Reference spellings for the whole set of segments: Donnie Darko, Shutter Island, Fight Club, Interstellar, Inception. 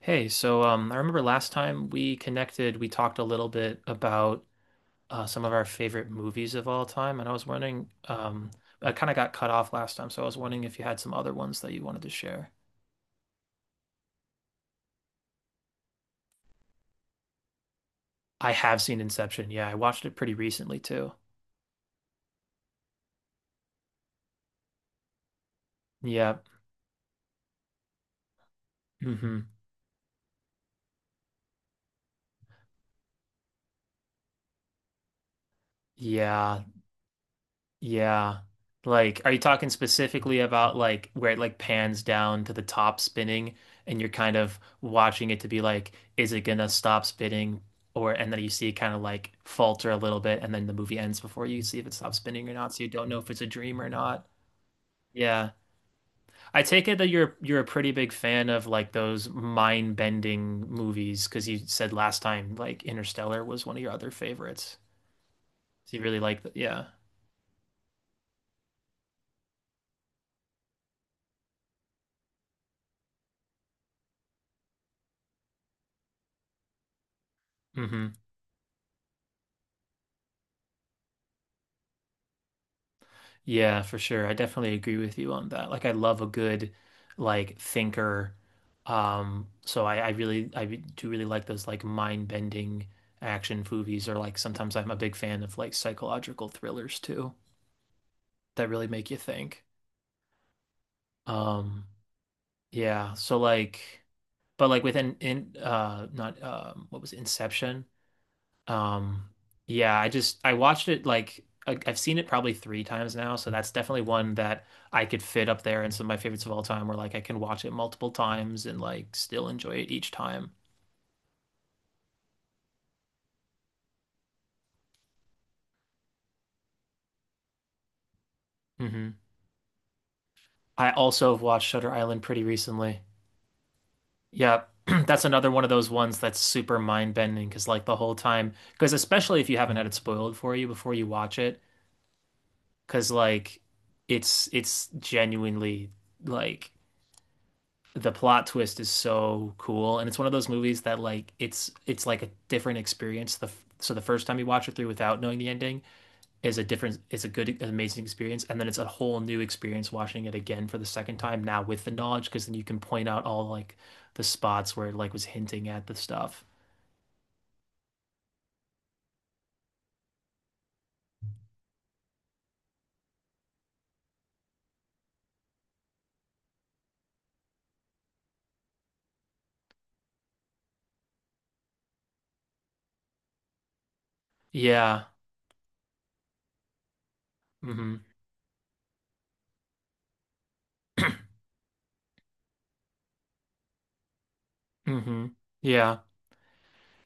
Hey, so I remember last time we connected, we talked a little bit about some of our favorite movies of all time, and I was wondering, I kind of got cut off last time, so I was wondering if you had some other ones that you wanted to share. I have seen Inception. Yeah, I watched it pretty recently too. Yeah. Hmm. Yeah. Yeah. Like, are you talking specifically about like where it like pans down to the top spinning and you're kind of watching it to be like, is it gonna stop spinning? Or and then you see it kind of like falter a little bit and then the movie ends before you see if it stops spinning or not, so you don't know if it's a dream or not. Yeah. I take it that you're a pretty big fan of like those mind-bending movies because you said last time like Interstellar was one of your other favorites. So you really like the, yeah. Mm-hmm. Yeah, for sure. I definitely agree with you on that. Like I love a good like thinker. So I do really like those like mind-bending action movies or like sometimes I'm a big fan of like psychological thrillers too that really make you think. Um, yeah, so like but like within in not what was it, Inception? Um, yeah, I watched it like I've seen it probably three times now, so that's definitely one that I could fit up there in some of my favorites of all time, where like I can watch it multiple times and like still enjoy it each time. Hmm. I also have watched Shutter Island pretty recently. Yeah, that's another one of those ones that's super mind-bending because like the whole time, because especially if you haven't had it spoiled for you before you watch it, because like it's genuinely like. The plot twist is so cool, and it's one of those movies that like it's like a different experience the so the first time you watch it through without knowing the ending is a different is a good an amazing experience, and then it's a whole new experience watching it again for the second time now with the knowledge because then you can point out all like the spots where it like was hinting at the stuff. Yeah. Mm-hmm. Mm-hmm. Yeah.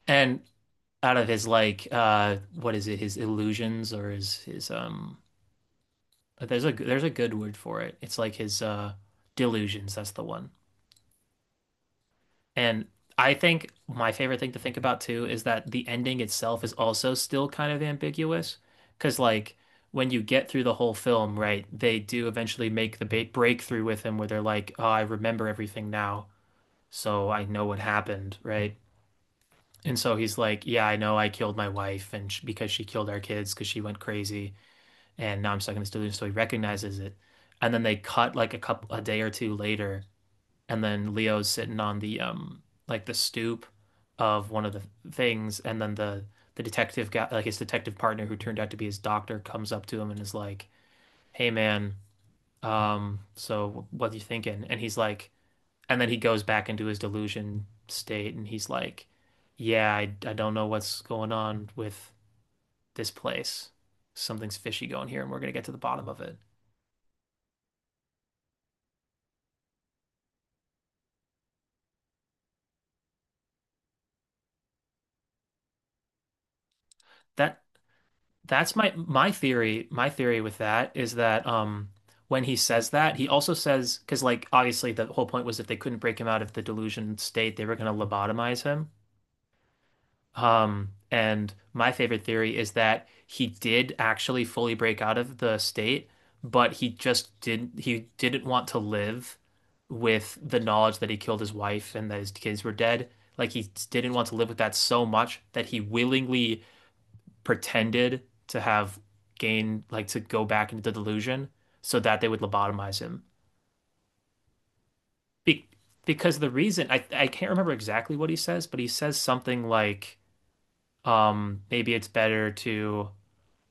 And out of his like what is it, his illusions, or his but there's a good word for it. It's like his delusions, that's the one. And I think my favorite thing to think about too is that the ending itself is also still kind of ambiguous because like when you get through the whole film, right, they do eventually make the ba breakthrough with him where they're like, "Oh, I remember everything now, so I know what happened," right? And so he's like, "Yeah, I know I killed my wife and sh because she killed our kids because she went crazy. And now I'm stuck in this delusion." So he recognizes it, and then they cut like a couple a day or two later, and then Leo's sitting on the like the stoop of one of the things, and then the detective guy, like his detective partner, who turned out to be his doctor, comes up to him and is like, "Hey, man, so what are you thinking?" And he's like, and then he goes back into his delusion state, and he's like, "Yeah, I don't know what's going on with this place. Something's fishy going here, and we're gonna get to the bottom of it." That That's my theory. My theory with that is that when he says that, he also says because like obviously the whole point was if they couldn't break him out of the delusion state, they were going to lobotomize him. And my favorite theory is that he did actually fully break out of the state, but he just didn't want to live with the knowledge that he killed his wife and that his kids were dead. Like he didn't want to live with that so much that he willingly pretended to have gained, like to go back into the delusion so that they would lobotomize him. Be because the reason I can't remember exactly what he says, but he says something like, maybe it's better to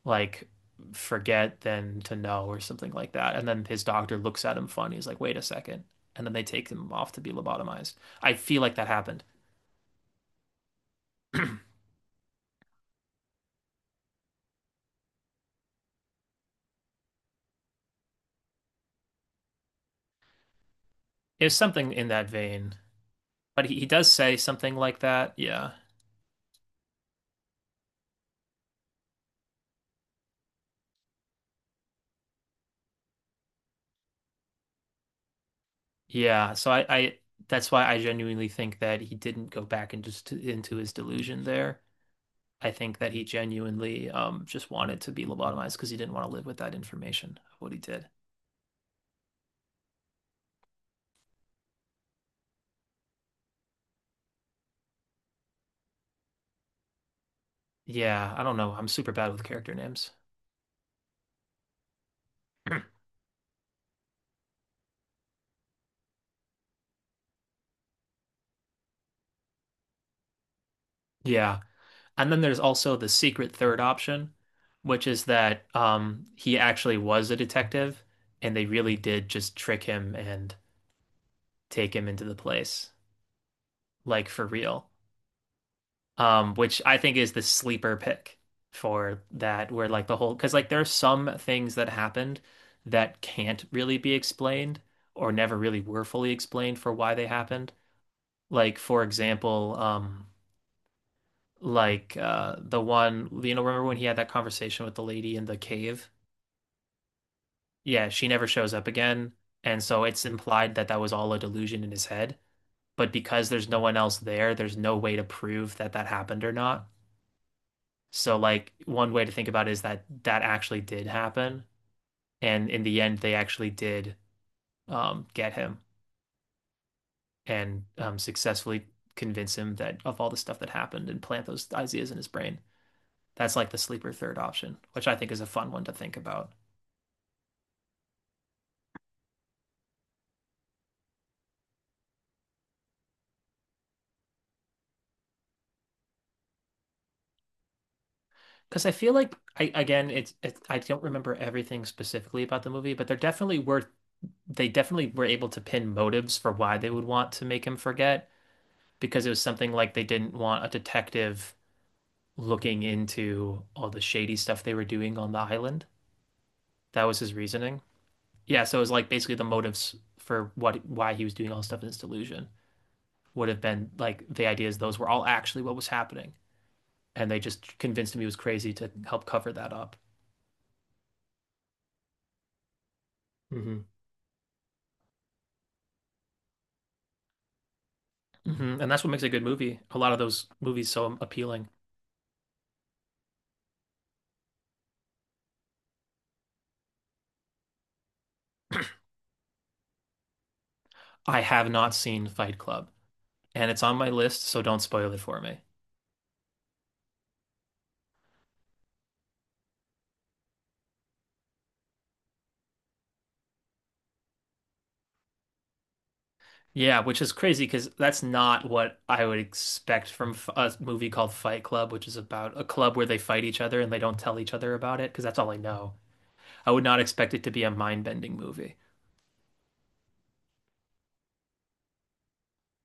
like forget than to know or something like that. And then his doctor looks at him funny. He's like, wait a second. And then they take him off to be lobotomized. I feel like that happened. It was something in that vein. But he does say something like that. Yeah. Yeah, so I that's why I genuinely think that he didn't go back and just to, into his delusion there. I think that he genuinely just wanted to be lobotomized because he didn't want to live with that information of what he did. Yeah, I don't know. I'm super bad with character names. Yeah. And then there's also the secret third option, which is that he actually was a detective and they really did just trick him and take him into the place, like for real. Which I think is the sleeper pick for that, where like the whole, because like there are some things that happened that can't really be explained or never really were fully explained for why they happened. Like, for example, the one, you know, remember when he had that conversation with the lady in the cave? Yeah, she never shows up again. And so it's implied that that was all a delusion in his head. But because there's no one else there, there's no way to prove that that happened or not. So like one way to think about it is that that actually did happen, and in the end, they actually did get him and successfully convince him that of all the stuff that happened and plant those ideas in his brain. That's like the sleeper third option, which I think is a fun one to think about. Because I feel like I again, it's I don't remember everything specifically about the movie, but there definitely were they definitely were able to pin motives for why they would want to make him forget because it was something like they didn't want a detective looking into all the shady stuff they were doing on the island. That was his reasoning. Yeah, so it was like basically the motives for what why he was doing all this stuff in his delusion would have been like the ideas, those were all actually what was happening. And they just convinced him he was crazy to help cover that up. Mhm. Hmm. And that's what makes a good movie. A lot of those movies so appealing. I have not seen Fight Club, and it's on my list, so don't spoil it for me. Yeah, which is crazy because that's not what I would expect from a movie called Fight Club, which is about a club where they fight each other and they don't tell each other about it because that's all I know. I would not expect it to be a mind-bending movie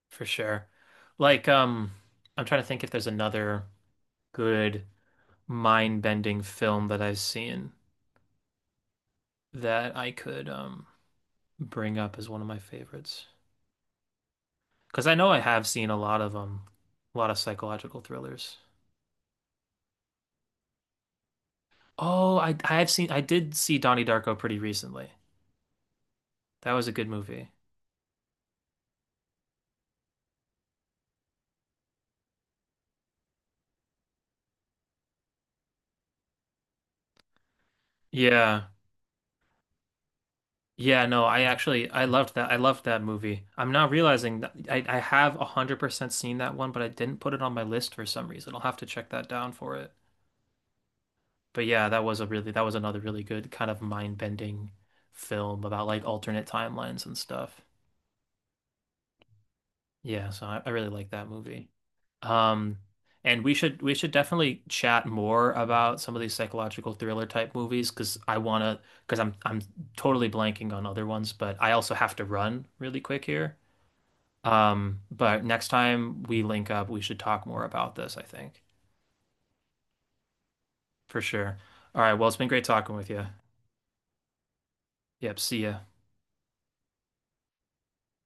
for sure. Like, I'm trying to think if there's another good mind-bending film that I've seen that I could bring up as one of my favorites because I know I have seen a lot of psychological thrillers. Oh, I did see Donnie Darko pretty recently. That was a good movie. Yeah. Yeah, no, I loved that. I loved that movie. I'm now realizing that I have 100% seen that one, but I didn't put it on my list for some reason. I'll have to check that down for it. But yeah, that was another really good kind of mind-bending film about like alternate timelines and stuff. Yeah, so I really like that movie. Um, and we should definitely chat more about some of these psychological thriller type movies because I wanna because I'm totally blanking on other ones, but I also have to run really quick here. But next time we link up, we should talk more about this, I think, for sure. All right, well, it's been great talking with you. Yep, see ya.